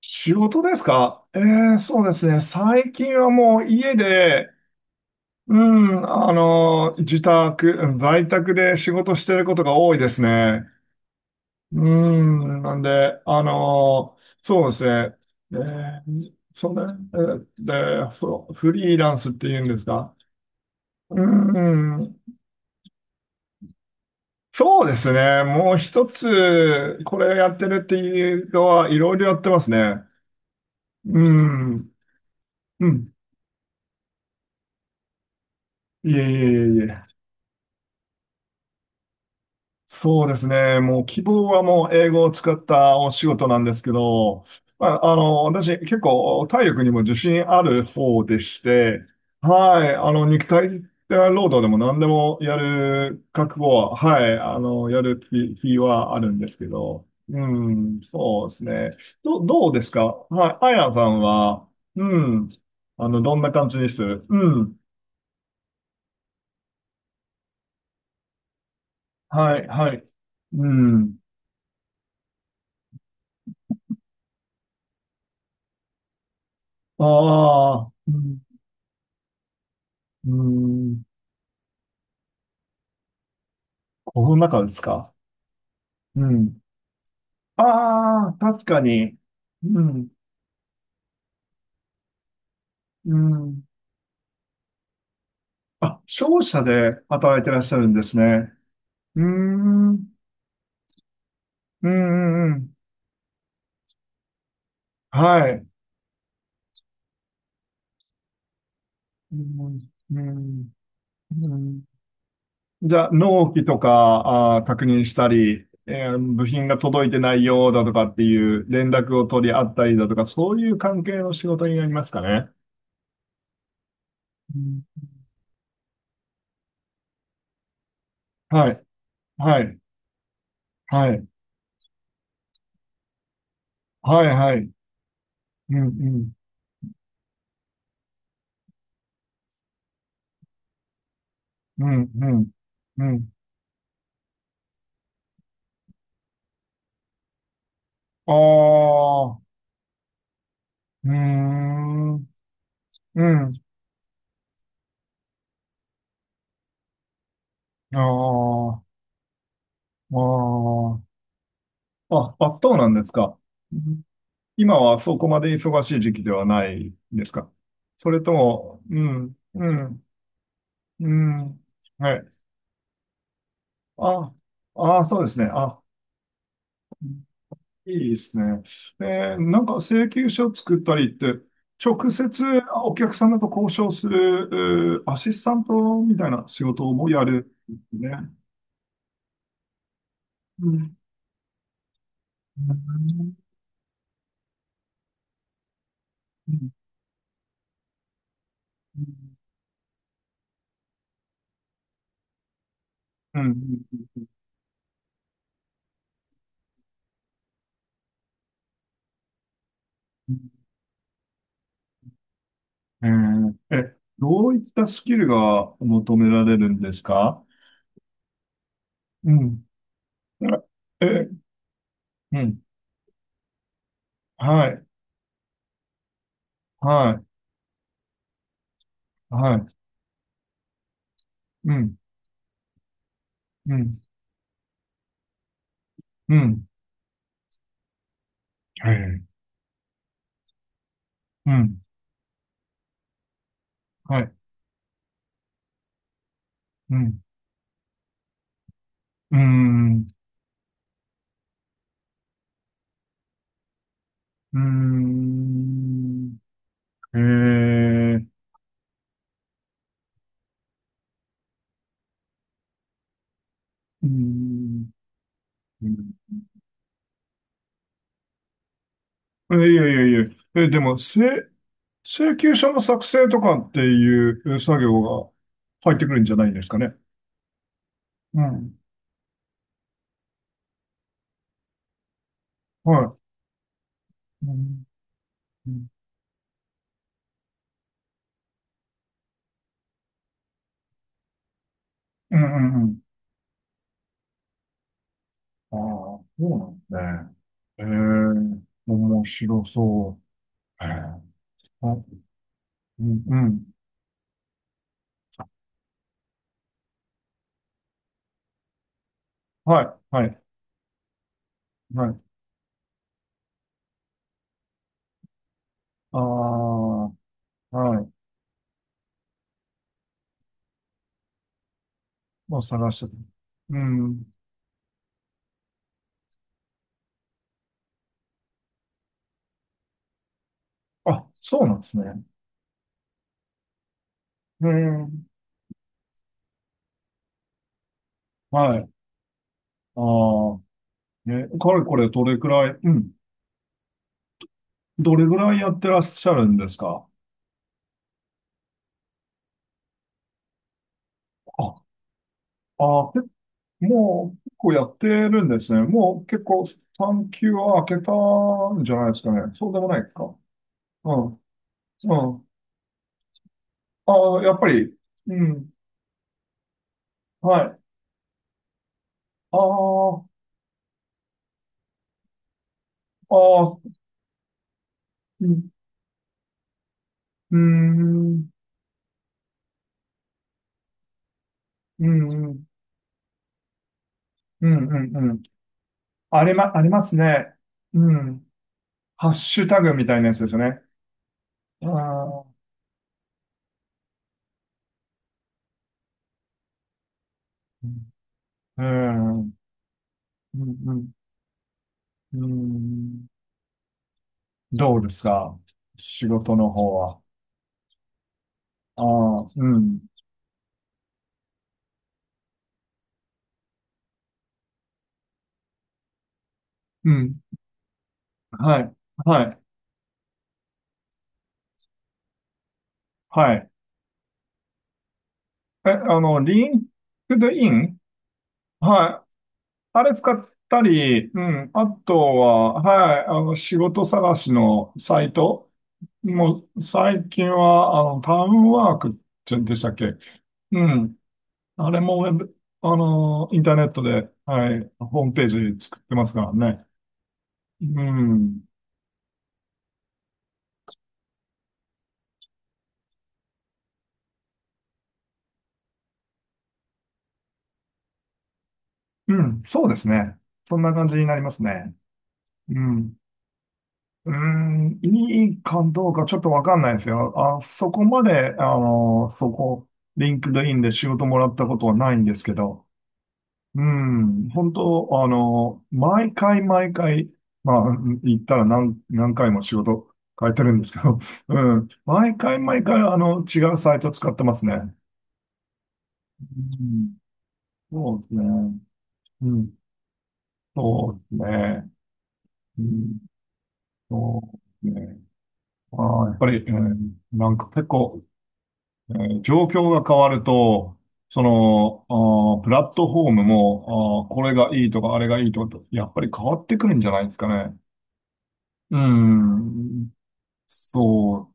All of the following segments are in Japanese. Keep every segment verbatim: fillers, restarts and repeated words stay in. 仕事ですか？えー、そうですね。最近はもう家で、うん、あの、自宅、うん、在宅で仕事してることが多いですね。うん、なんで、あの、そうですね。えー、そうね。えーで、フフリーランスって言うんですか？うん、そうですね。もう一つ、これやってるっていうのは、いろいろやってますね。うん、うん。いえいえいえいえ。そうですね。もう希望はもう英語を使ったお仕事なんですけど、まあ、あの、私結構体力にも自信ある方でして、はい、あの、肉体労働でも何でもやる覚悟は、はい、あの、やる気、気はあるんですけど、うん、そうですね。ど、どうですか？はい、アイアンさんは、うん、あの、どんな感じです？うん、はい、はい、うん、ああ、うんうん、この中ですか？うん。ああ、確かに。うん。うん。あ、商社で働いてらっしゃるんですね。うーん。うんうんうん。はい。うん。うん。うん。じゃあ、納期とか、あー、確認したり、えー部品が届いてないようだとかっていう連絡を取り合ったりだとか、そういう関係の仕事になりますかね。うん。はい。はい。はい。はい。はい。うん。うん。うん。うん。うん。ああ、うーん、うん、ああ、ああ、あ、あ、そうなんですか？うん。今はそこまで忙しい時期ではないですか？それとも、うん、うん、うん、はい。あ、ああ、そうですね。あ、いいですね。えーなんか請求書作ったりって、直接お客様と交渉する、うーアシスタントみたいな仕事もやるんですね。うん。うん、うん、うん、うん。えーえ、どういったスキルが求められるんですか？うん。え、えうん。はい、はい、はい。うん、うん、うん。はい、うん、はい、うん、うーん、うーん。えー、うん。うん。え、いやいやいや。え、でも、請、請求書の作成とかっていう作業が入ってくるんじゃないんですかね。うん。はい。うん、うん、うん、うん。ああ、そうなんですね。ええ、面白そう。ええ、あ、うん、うん。はい、はい、はい。ああ、はい。もう探してた。うん。あ、そうなんですね。ええ、はい。ああ、ね、かれこれどれくらい、うん、どれくらいやってらっしゃるんですか？あ、ああ、結もう結構やってるんですね。もう結構さんきゅう級は開けたんじゃないですかね。そうでもないか。うん。うん。ああ、やっぱり。うん。はい。ああ、ああ、うん。うん。うん。うん。うん。うんうん、ありま、ありますね。うん。ハッシュタグみたいなやつですよね。ああ。うん。うん。うん。うん。どうですか、仕事の方は？ああ、うん。うん。はい。はい。はい。え、あの、リンクドイン。はい。あれ使ったり、うん。あとは、はい、あの、仕事探しのサイト。もう、最近は、あの、タウンワークってんでしたっけ？うん。あれもウェブ、あの、インターネットで、はい、ホームページ作ってますからね。うん。うん。そうですね。そんな感じになりますね。うん。うーん、いいかどうかちょっとわかんないですよ。あ、そこまで、あの、そこ、リンクドインで仕事もらったことはないんですけど、うん、本当、あの、毎回毎回、まあ、言ったら何、何回も仕事変えてるんですけど、うん、毎回毎回、あの、違うサイト使ってますね。うん、そうですね。うん、そうですね。うん、そうですね。ああやっぱり、うん、なんか結構、えー状況が変わると、その、あープラットフォームも、あーこれがいいとか、あれがいいとか、やっぱり変わってくるんじゃないですかね。うん。そう。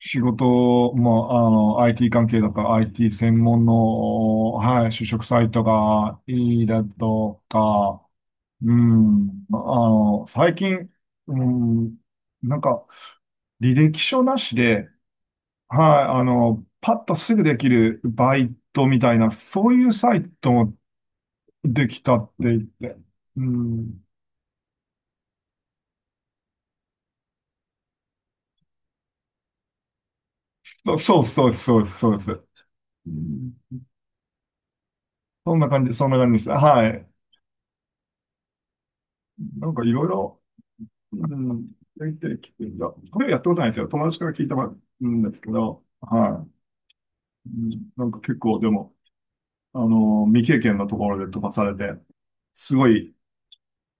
仕事、まあ、あの、アイティー 関係だったら アイティー 専門の、はい、就職サイトがいいだとか、うん。まああの、最近、うん、なんか、履歴書なしで、はい、あの、パッとすぐできるバイトみたいな、そういうサイトもできたって言って。うん。そうそうそうそうそうです。うん。そんな感じ、そんな感じです。はい。なんかいろいろ、うん、できてきてるんだ。これやったことないんですよ。友達から聞いたんですけど、はい。うん、なんか結構でも、あの、未経験のところで飛ばされて、すごい、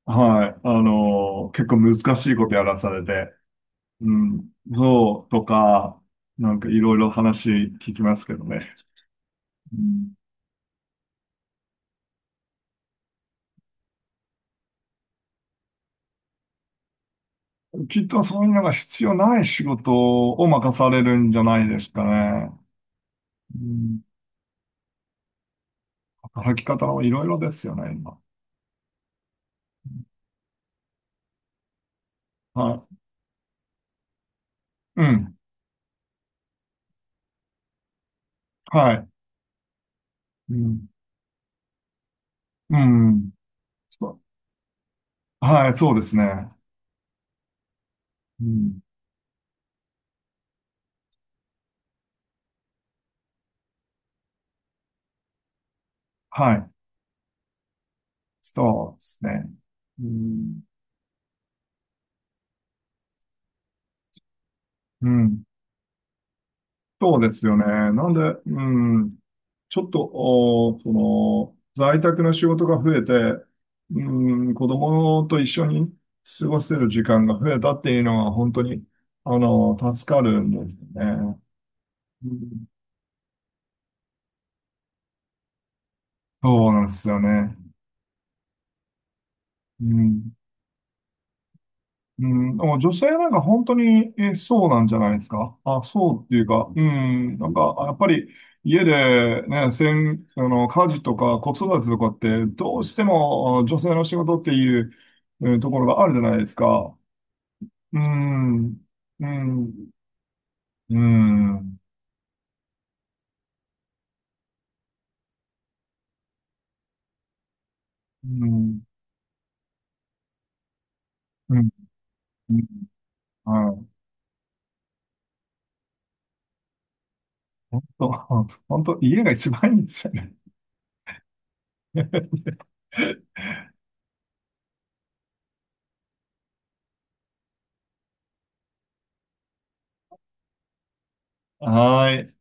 はい、あの、結構難しいことやらされて、うん、そうとか、なんかいろいろ話聞きますけどね。うん、きっとそういうのが必要ない仕事を任されるんじゃないですかね。うん、働き方はいろいろですよね、今。はい。うん。はい。うん。うん。そう。はい、そうですね。うん。はい。そうですね。うん。うん。そうですよね。なんで、うん、ちょっと、おその、在宅の仕事が増えて、うん、子供と一緒に過ごせる時間が増えたっていうのは、本当に、あの、助かるんですよね。うん、そうなんですよね。うんうん、でも女性なんか本当に、え、そうなんじゃないですか？あ、そうっていうか、うん、なんか、やっぱり家でね、せん、あの、家事とか子育てとかって、どうしてもあ女性の仕事っていう、うん、ところがあるじゃないですか。うん、うん、うん、うん、うん、うん、はい。本当、本当、家が一番いいんですよね。はい。